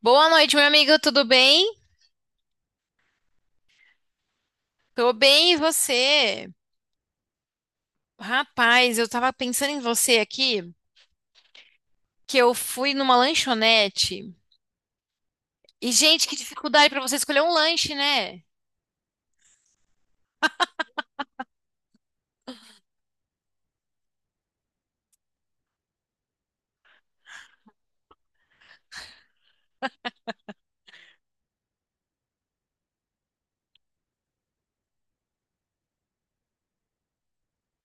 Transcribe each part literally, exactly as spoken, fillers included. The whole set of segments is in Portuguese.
Boa noite, meu amigo, tudo bem? Tô bem, e você? Rapaz, eu tava pensando em você aqui, que eu fui numa lanchonete. E, gente, que dificuldade pra você escolher um lanche, né?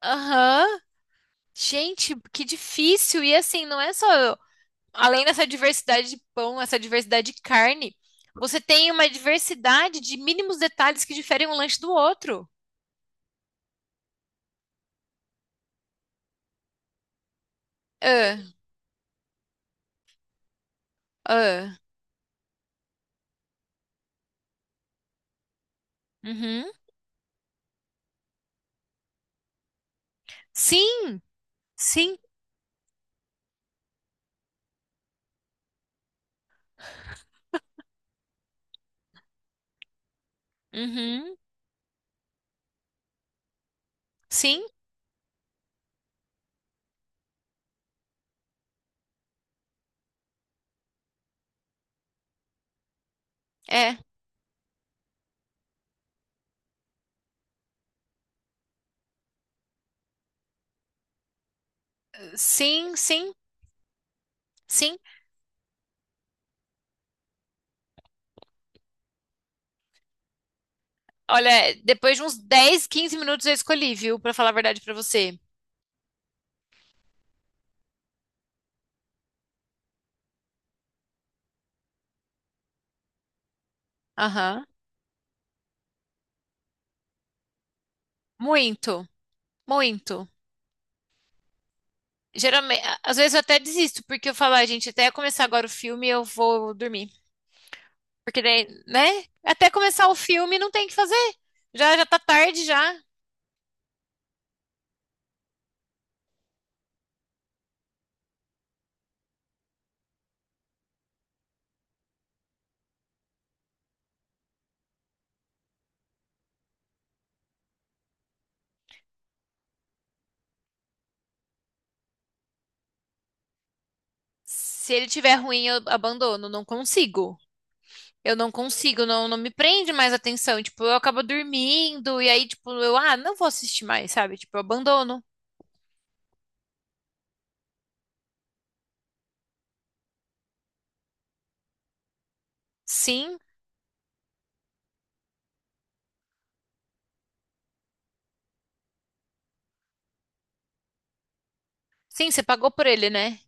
Aham. Gente, que difícil. E assim, não é só. Além dessa diversidade de pão, essa diversidade de carne, você tem uma diversidade de mínimos detalhes que diferem um lanche do outro. Ah, ah. Uhum. Sim, sim. Uhum. Sim, é. Sim, sim. Sim. Olha, depois de uns dez quinze minutos eu escolhi, viu? Pra falar a verdade pra você. Aham. Muito, muito. Geralmente, às vezes eu até desisto, porque eu falo, "Ah, gente, até começar agora o filme eu vou dormir. Porque daí, né? Até começar o filme não tem o que fazer. Já já tá tarde já. Se ele tiver ruim, eu abandono, não consigo. Eu não consigo, não, não me prende mais atenção. Tipo, eu acabo dormindo e aí, tipo, eu, ah, não vou assistir mais, sabe? Tipo, eu abandono. Sim, sim, você pagou por ele, né?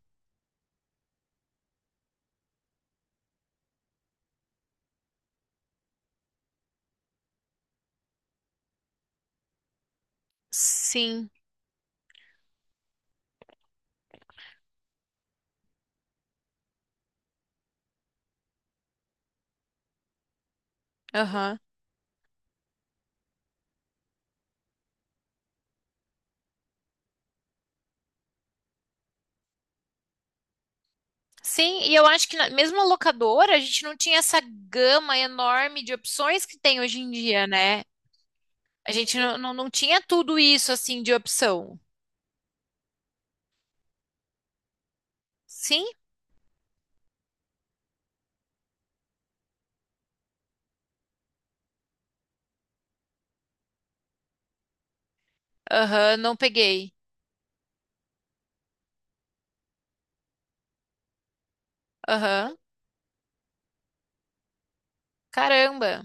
Sim, aham. Sim, e eu acho que na- mesmo a locadora, a gente não tinha essa gama enorme de opções que tem hoje em dia, né? A gente não, não, não tinha tudo isso assim de opção. Sim? Aham, não peguei. Aham. Caramba.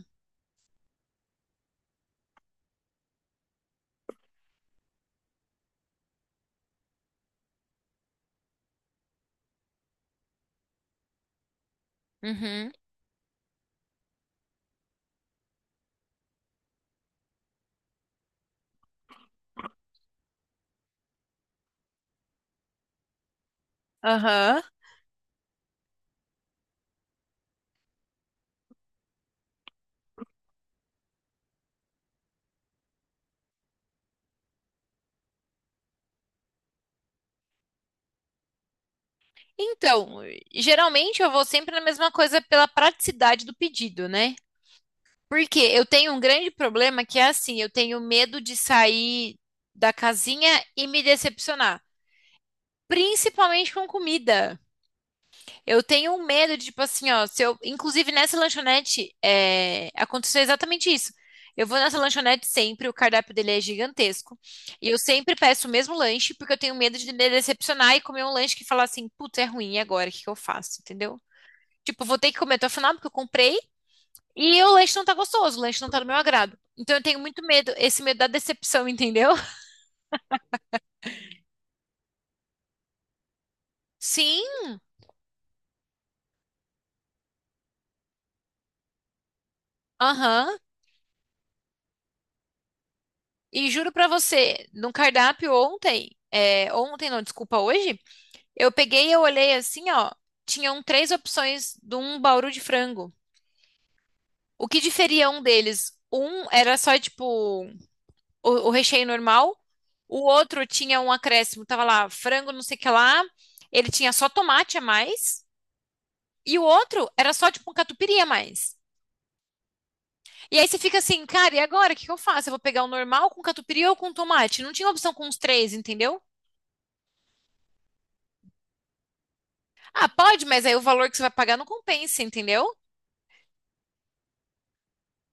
Uhum. Aham. Então, geralmente eu vou sempre na mesma coisa pela praticidade do pedido, né? Porque eu tenho um grande problema que é assim, eu tenho medo de sair da casinha e me decepcionar. Principalmente com comida. Eu tenho um medo de, tipo assim, ó, se eu, inclusive nessa lanchonete, é, aconteceu exatamente isso. Eu vou nessa lanchonete sempre, o cardápio dele é gigantesco. E eu sempre peço o mesmo lanche, porque eu tenho medo de me decepcionar e comer um lanche que falar assim, putz, é ruim, e agora? O que que eu faço? Entendeu? Tipo, vou ter que comer até o final, porque eu comprei, e o lanche não tá gostoso, o lanche não tá do meu agrado. Então eu tenho muito medo, esse medo da decepção, entendeu? Sim, aham. E juro pra você, no cardápio ontem, é, ontem não, desculpa, hoje, eu peguei e eu olhei assim, ó, tinham três opções de um bauru de frango. O que diferia um deles? Um era só, tipo, o, o recheio normal, o outro tinha um acréscimo, tava lá, frango não sei o que lá, ele tinha só tomate a mais, e o outro era só, tipo, um catupiry a mais. E aí você fica assim, cara, e agora, o que que eu faço? Eu vou pegar o normal com catupiry ou com tomate? Não tinha opção com os três, entendeu? Ah, pode, mas aí o valor que você vai pagar não compensa, entendeu?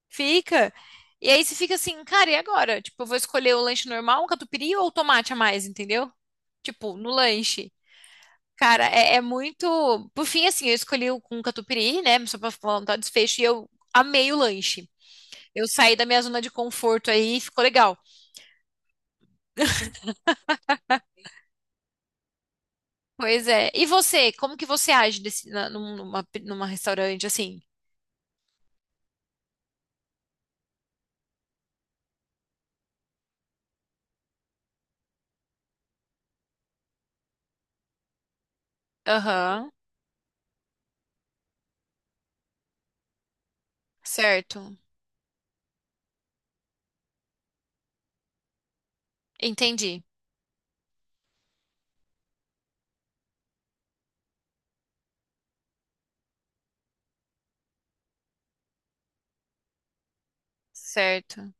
Fica. E aí você fica assim, cara, e agora? Tipo, eu vou escolher o lanche normal, um catupiry ou tomate a mais, entendeu? Tipo, no lanche. Cara, é, é muito. Por fim, assim, eu escolhi o com catupiry, né? Só pra falar um tal desfecho, e eu amei o lanche. Eu saí da minha zona de conforto aí, ficou legal. Pois é. E você, como que você age desse, na- num- numa, numa restaurante assim? Aham, certo. Entendi. Certo.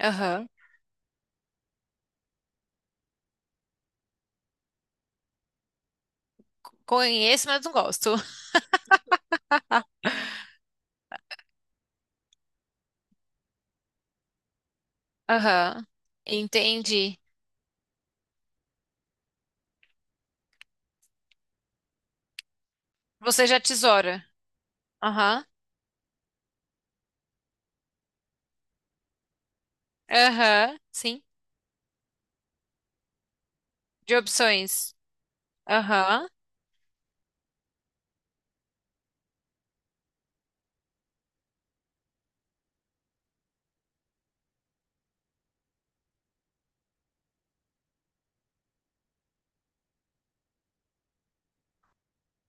Aham. Conheço, mas não gosto. Aham. Entendi. Você já tesoura. Aham. Aham. Sim. De opções. Aham.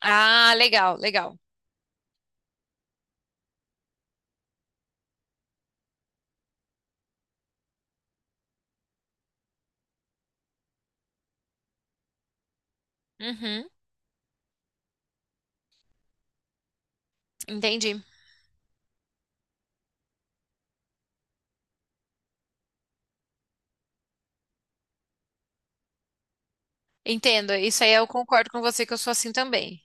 Ah, legal, legal. Uhum. Entendi. Entendo. Isso aí eu concordo com você que eu sou assim também.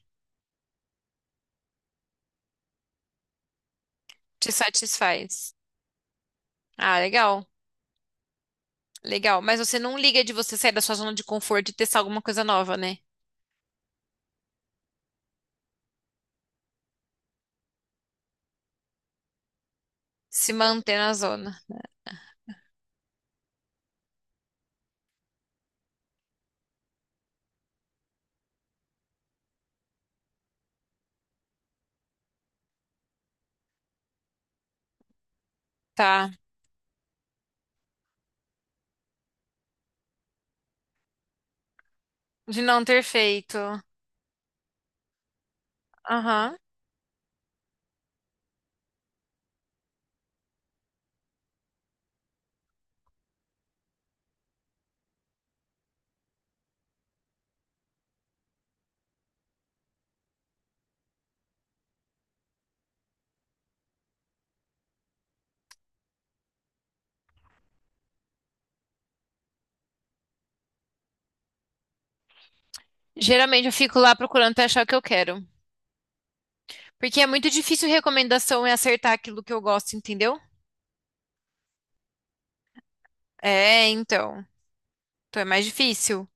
Te satisfaz. Ah, legal. Legal. Mas você não liga de você sair da sua zona de conforto e testar alguma coisa nova, né? Se manter na zona. Tá. De não ter feito. Aham. Geralmente eu fico lá procurando até achar o que eu quero. Porque é muito difícil recomendação e acertar aquilo que eu gosto, entendeu? É, então. Então é mais difícil.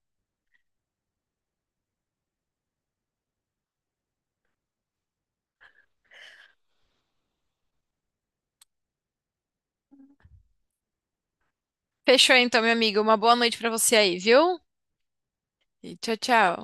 Fechou então, minha amiga. Uma boa noite pra você aí, viu? E tchau, tchau.